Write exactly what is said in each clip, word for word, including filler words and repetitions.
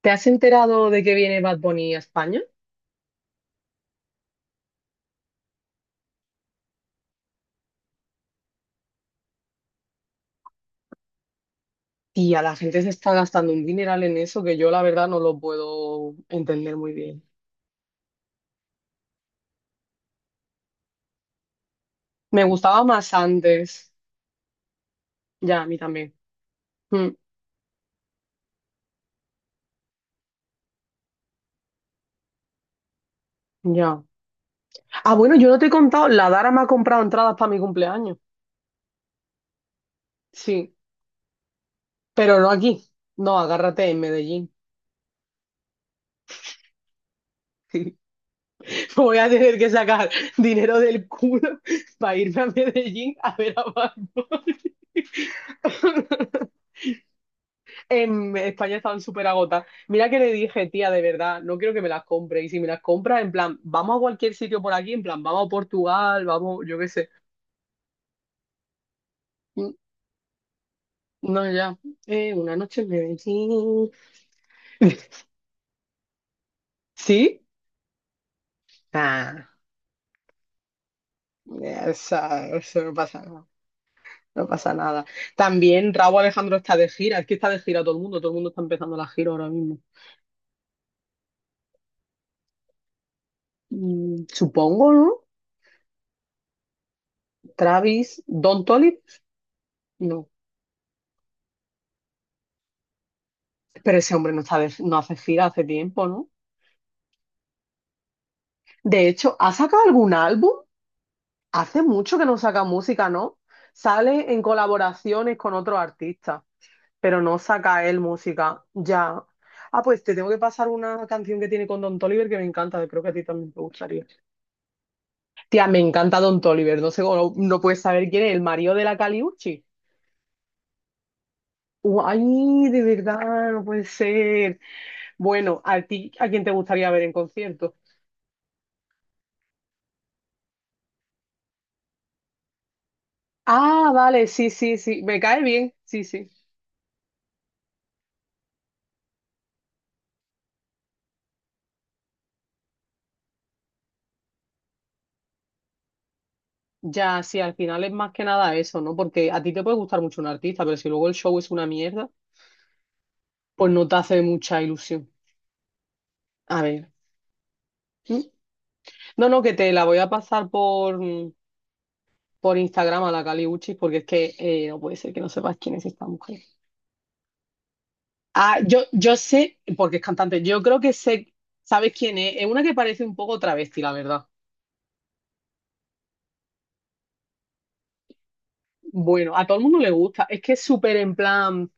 ¿Te has enterado de que viene Bad Bunny a España? Tía, la gente se está gastando un dineral en eso que yo la verdad no lo puedo entender muy bien. Me gustaba más antes. Ya, a mí también. Mm, ya. Ah, bueno, yo no te he contado, la Dara me ha comprado entradas para mi cumpleaños. Sí, pero no aquí. No, agárrate en Medellín. Voy a tener que sacar dinero del culo para irme a Medellín a ver a Bad Bunny. En España estaban súper agotadas. Mira que le dije, tía, de verdad, no quiero que me las compre. Y si me las compras, en plan, vamos a cualquier sitio por aquí, en plan, vamos a Portugal, vamos, yo qué sé. Mm, no, ya. Eh, una noche en Medellín. ¿Sí? Ah, esa, eso no pasa nada. No pasa nada. También Raúl Alejandro está de gira. Es que está de gira todo el mundo. Todo el mundo está empezando la gira ahora mismo. Mm, Supongo, ¿no? Travis, Don Toliver, no. Pero ese hombre no está de- no hace gira hace tiempo, ¿no? De hecho, ¿ha sacado algún álbum? Hace mucho que no saca música, ¿no? Sale en colaboraciones con otros artistas, pero no saca él música. Ya. Ah, pues te tengo que pasar una canción que tiene con Don Toliver que me encanta, creo que a ti también te gustaría. Tía, me encanta Don Toliver, no sé, cómo- no, no puedes saber quién es, el marido de la Caliucci. Ay, de verdad, no puede ser. Bueno, ¿a ti a quién te gustaría ver en concierto? Ah, vale, sí, sí, sí, me cae bien, sí, sí. Ya, sí, al final es más que nada eso, ¿no? Porque a ti te puede gustar mucho un artista, pero si luego el show es una mierda, pues no te hace mucha ilusión. A ver. ¿Mm? No, no, que te la voy a pasar por, mm, por Instagram a la Cali Uchis, porque es que eh, no puede ser que no sepas quién es esta mujer. Ah, yo, yo sé, porque es cantante, yo creo que sé, ¿sabes quién es? Es una que parece un poco travesti, la verdad. Bueno, a todo el mundo le gusta. Es que es súper en plan.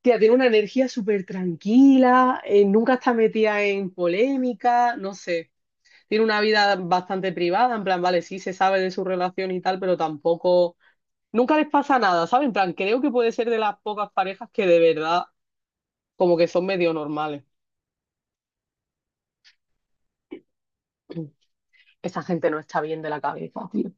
Tía, tiene una energía súper tranquila, eh, nunca está metida en polémica, no sé. Tiene una vida bastante privada, en plan, vale, sí se sabe de su relación y tal, pero tampoco, nunca les pasa nada, ¿sabes? En plan, creo que puede ser de las pocas parejas que de verdad como que son medio normales. Esa gente no está bien de la cabeza, tío.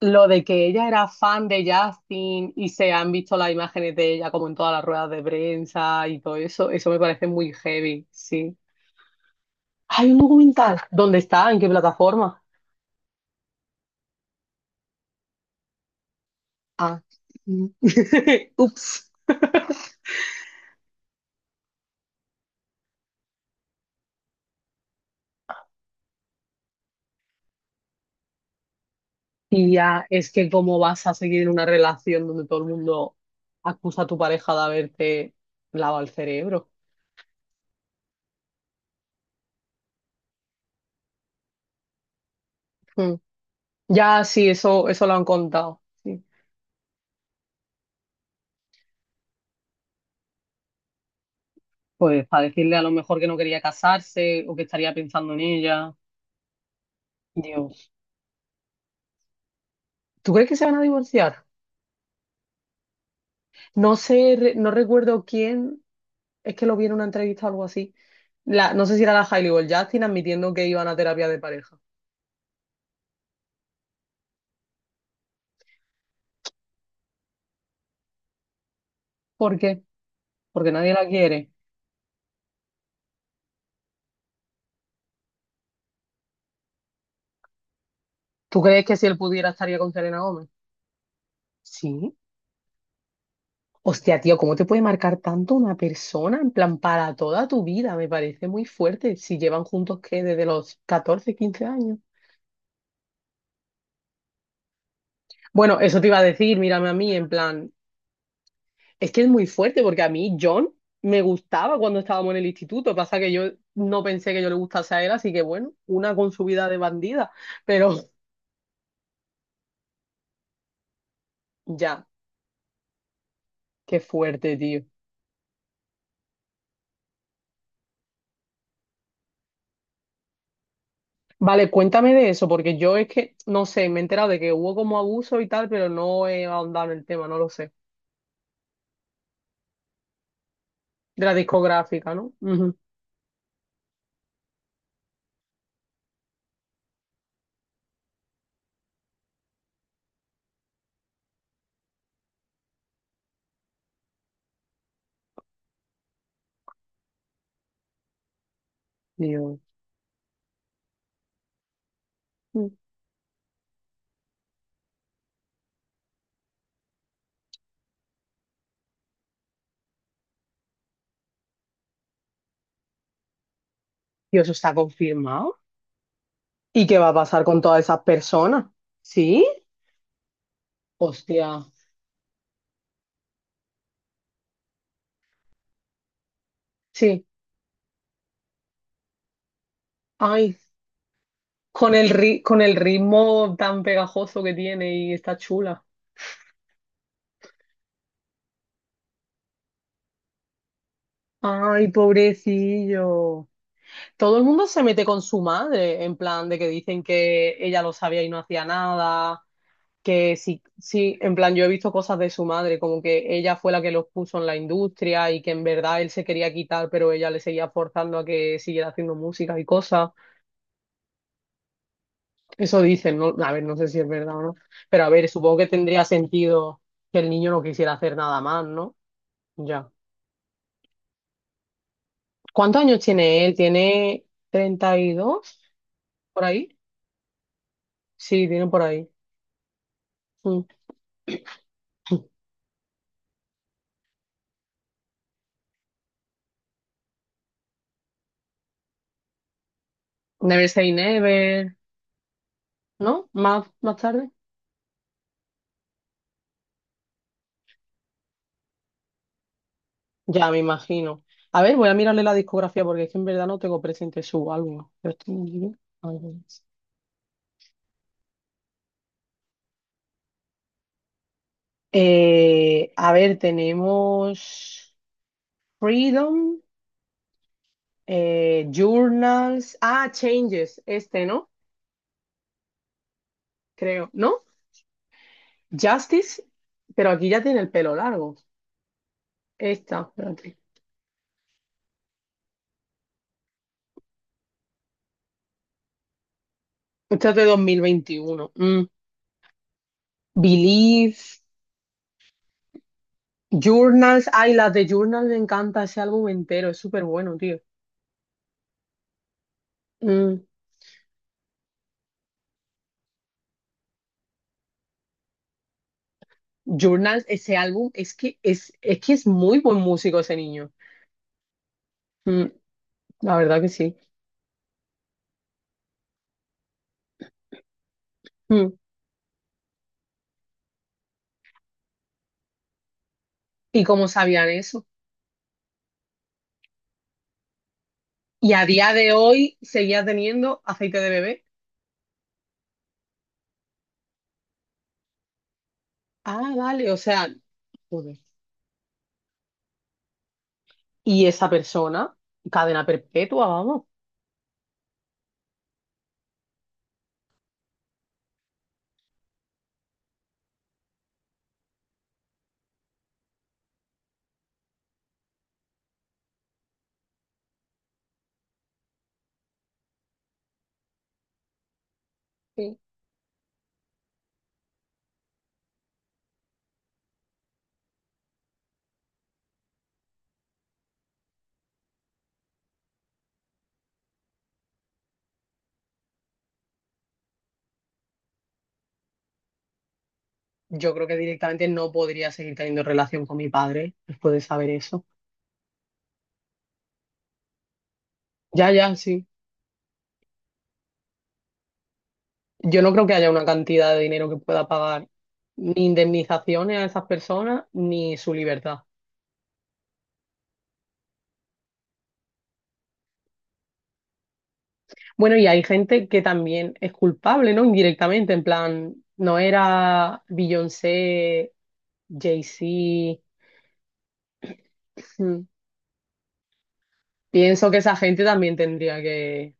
Lo de que ella era fan de Justin y se han visto las imágenes de ella como en todas las ruedas de prensa y todo eso, eso me parece muy heavy, sí. Hay un documental. ¿Dónde está? ¿En qué plataforma? Ah. Mm. Ups. Y ya, es que cómo vas a seguir en una relación donde todo el mundo acusa a tu pareja de haberte lavado el cerebro. Mm. Ya, sí, eso, eso lo han contado. Sí. Pues para decirle a lo mejor que no quería casarse o que estaría pensando en ella. Dios. ¿Tú crees que se van a divorciar? No sé, re- no recuerdo quién es que lo vi en una entrevista o algo así. La, no sé si era la Hailey o el Justin admitiendo que iban a terapia de pareja. ¿Por qué? Porque nadie la quiere. ¿Tú crees que si él pudiera estaría con Selena Gómez? Sí, hostia, tío, ¿cómo te puede marcar tanto una persona? En plan, para toda tu vida, me parece muy fuerte. Si llevan juntos, ¿qué? Desde los catorce quince años. Bueno, eso te iba a decir, mírame a mí, en plan, es que es muy fuerte porque a mí John me gustaba cuando estábamos en el instituto. Pasa que yo no pensé que yo le gustase a él, así que bueno, una con su vida de bandida. Pero ya, qué fuerte, tío. Vale, cuéntame de eso, porque yo es que, no sé, me he enterado de que hubo como abuso y tal, pero no he ahondado en el tema, no lo sé. De la discográfica, ¿no? Ujú. Dios. Mm. Dios, ¿eso está confirmado? ¿Y qué va a pasar con todas esas personas? ¿Sí? Hostia. Sí. Ay, Con el ri- con el ritmo tan pegajoso que tiene y está chula. Ay, pobrecillo. Todo el mundo se mete con su madre, en plan de que dicen que ella lo sabía y no hacía nada, que sí, sí, en plan yo he visto cosas de su madre, como que ella fue la que los puso en la industria y que en verdad él se quería quitar, pero ella le seguía forzando a que siguiera haciendo música y cosas. Eso dicen, ¿no? A ver, no sé si es verdad o no, pero a ver, supongo que tendría sentido que el niño no quisiera hacer nada más, ¿no? Ya. ¿Cuántos años tiene él? ¿Tiene treinta y dos? ¿Por ahí? Sí, tiene por ahí. Mm. Never Say Never, ¿no? Más, más tarde. Ya, me imagino. A ver, voy a mirarle la discografía porque es que en verdad no tengo presente su álbum. Pero estoy- a ver, Eh, a ver, tenemos Freedom, eh, Journals, ah, Changes, este, ¿no? Creo, ¿no? Justice, pero aquí ya tiene el pelo largo. Esta, espérate. Esta es de dos mil veintiuno. Mm. Believe, Journals. Ay, las de Journals me encanta ese álbum entero. Es súper bueno, tío. Mm. Journals, ese álbum, es que es, es que es muy buen músico ese niño. Mm, La verdad que sí. Mm. ¿Y cómo sabían eso? Y a día de hoy seguía teniendo aceite de bebé. Ah, vale, o sea, joder. Y esa persona, cadena perpetua, vamos. Sí. Yo creo que directamente no podría seguir teniendo relación con mi padre después de saber eso. Ya, ya, sí. Yo no creo que haya una cantidad de dinero que pueda pagar ni indemnizaciones a esas personas ni su libertad. Bueno, y hay gente que también es culpable, ¿no? Indirectamente, en plan, no era Beyoncé, Jay-Z. Mm. Pienso que esa gente también tendría que...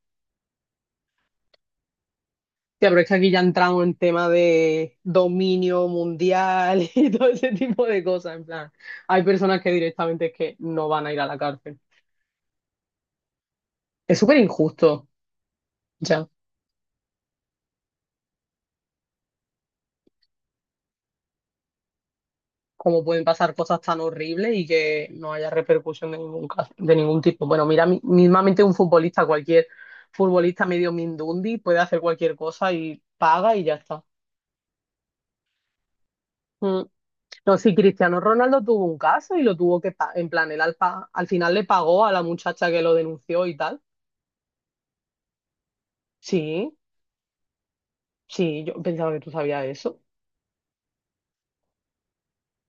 Tía, pero es que aquí ya entramos en tema de dominio mundial y todo ese tipo de cosas, en plan. Hay personas que directamente es que no van a ir a la cárcel. Es súper injusto. Ya. Cómo pueden pasar cosas tan horribles y que no haya repercusión de ningún caso- de ningún tipo. Bueno, mira, mi- mismamente un futbolista, cualquier futbolista medio mindundi puede hacer cualquier cosa y paga y ya está. Mm. No, sí, Cristiano Ronaldo tuvo un caso y lo tuvo que, pa- en plan, él al, pa- al final le pagó a la muchacha que lo denunció y tal. Sí, sí, yo pensaba que tú sabías eso.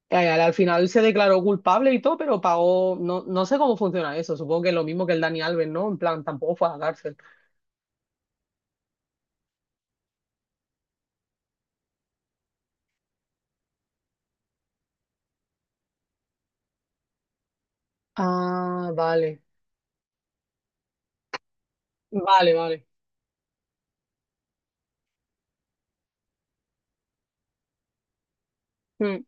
Eh, Al al final se declaró culpable y todo, pero pagó, no, no sé cómo funciona eso, supongo que es lo mismo que el Dani Alves, ¿no? En plan, tampoco fue a la cárcel. Ah, vale, vale, vale. Mm,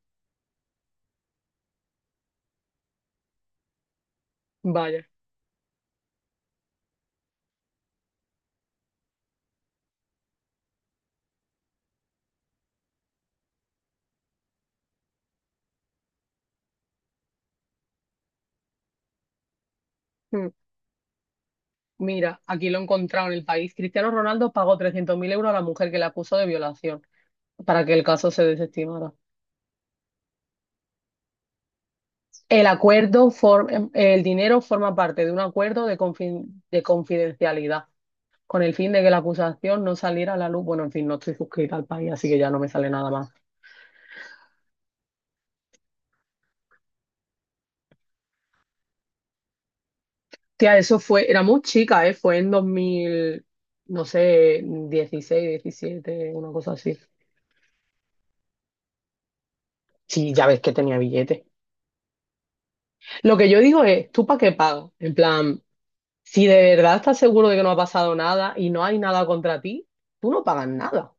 vaya. Mm. Mira, aquí lo he encontrado en el país. Cristiano Ronaldo pagó trescientos mil euros a la mujer que le acusó de violación para que el caso se desestimara. El acuerdo for- el dinero forma parte de un acuerdo de, confin- de confidencialidad con el fin de que la acusación no saliera a la luz. Bueno, en fin, no estoy suscrita al país, así que ya no me sale nada más. Tía, eso fue, era muy chica, ¿eh? Fue en dos mil, no sé, dieciséis, diecisiete, una cosa así. Sí, ya ves que tenía billetes. Lo que yo digo es, ¿tú para qué pagas? En plan, si de verdad estás seguro de que no ha pasado nada y no hay nada contra ti, tú no pagas nada.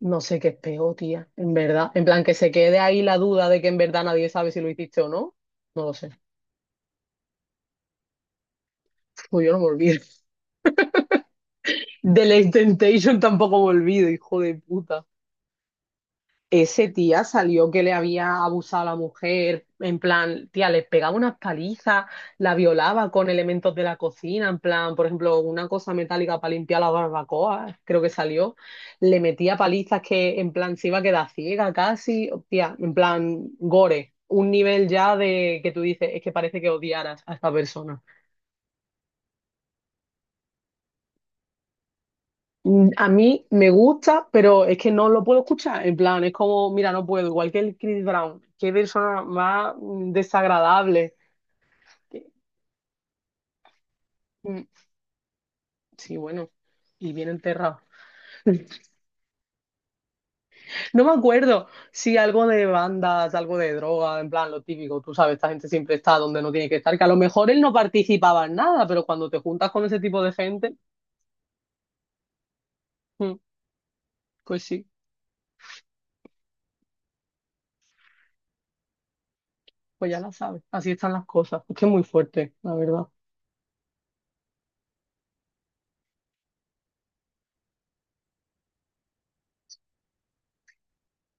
No sé qué es peor, tía, en verdad. En plan, que se quede ahí la duda de que en verdad nadie sabe si lo hiciste o no. No lo sé. Pues yo no me olvido. De la Temptation tampoco me olvido, hijo de puta. Ese tía salió que le había abusado a la mujer, en plan, tía, le pegaba unas palizas, la violaba con elementos de la cocina, en plan, por ejemplo, una cosa metálica para limpiar la barbacoa, creo que salió, le metía palizas que en plan se iba a quedar ciega casi, tía, en plan, gore, un nivel ya de que tú dices, es que parece que odiaras a esta persona. Mm, A mí me gusta, pero es que no lo puedo escuchar. En plan, es como, mira, no puedo. Igual que el Chris Brown. Qué persona más mm, desagradable. Que- mm, sí, bueno. Y bien enterrado. No me acuerdo si algo de bandas, algo de droga, en plan, lo típico. Tú sabes, esta gente siempre está donde no tiene que estar. Que a lo mejor él no participaba en nada, pero cuando te juntas con ese tipo de gente, mm, pues sí, pues ya la sabes. Así están las cosas. Es que es muy fuerte, la verdad.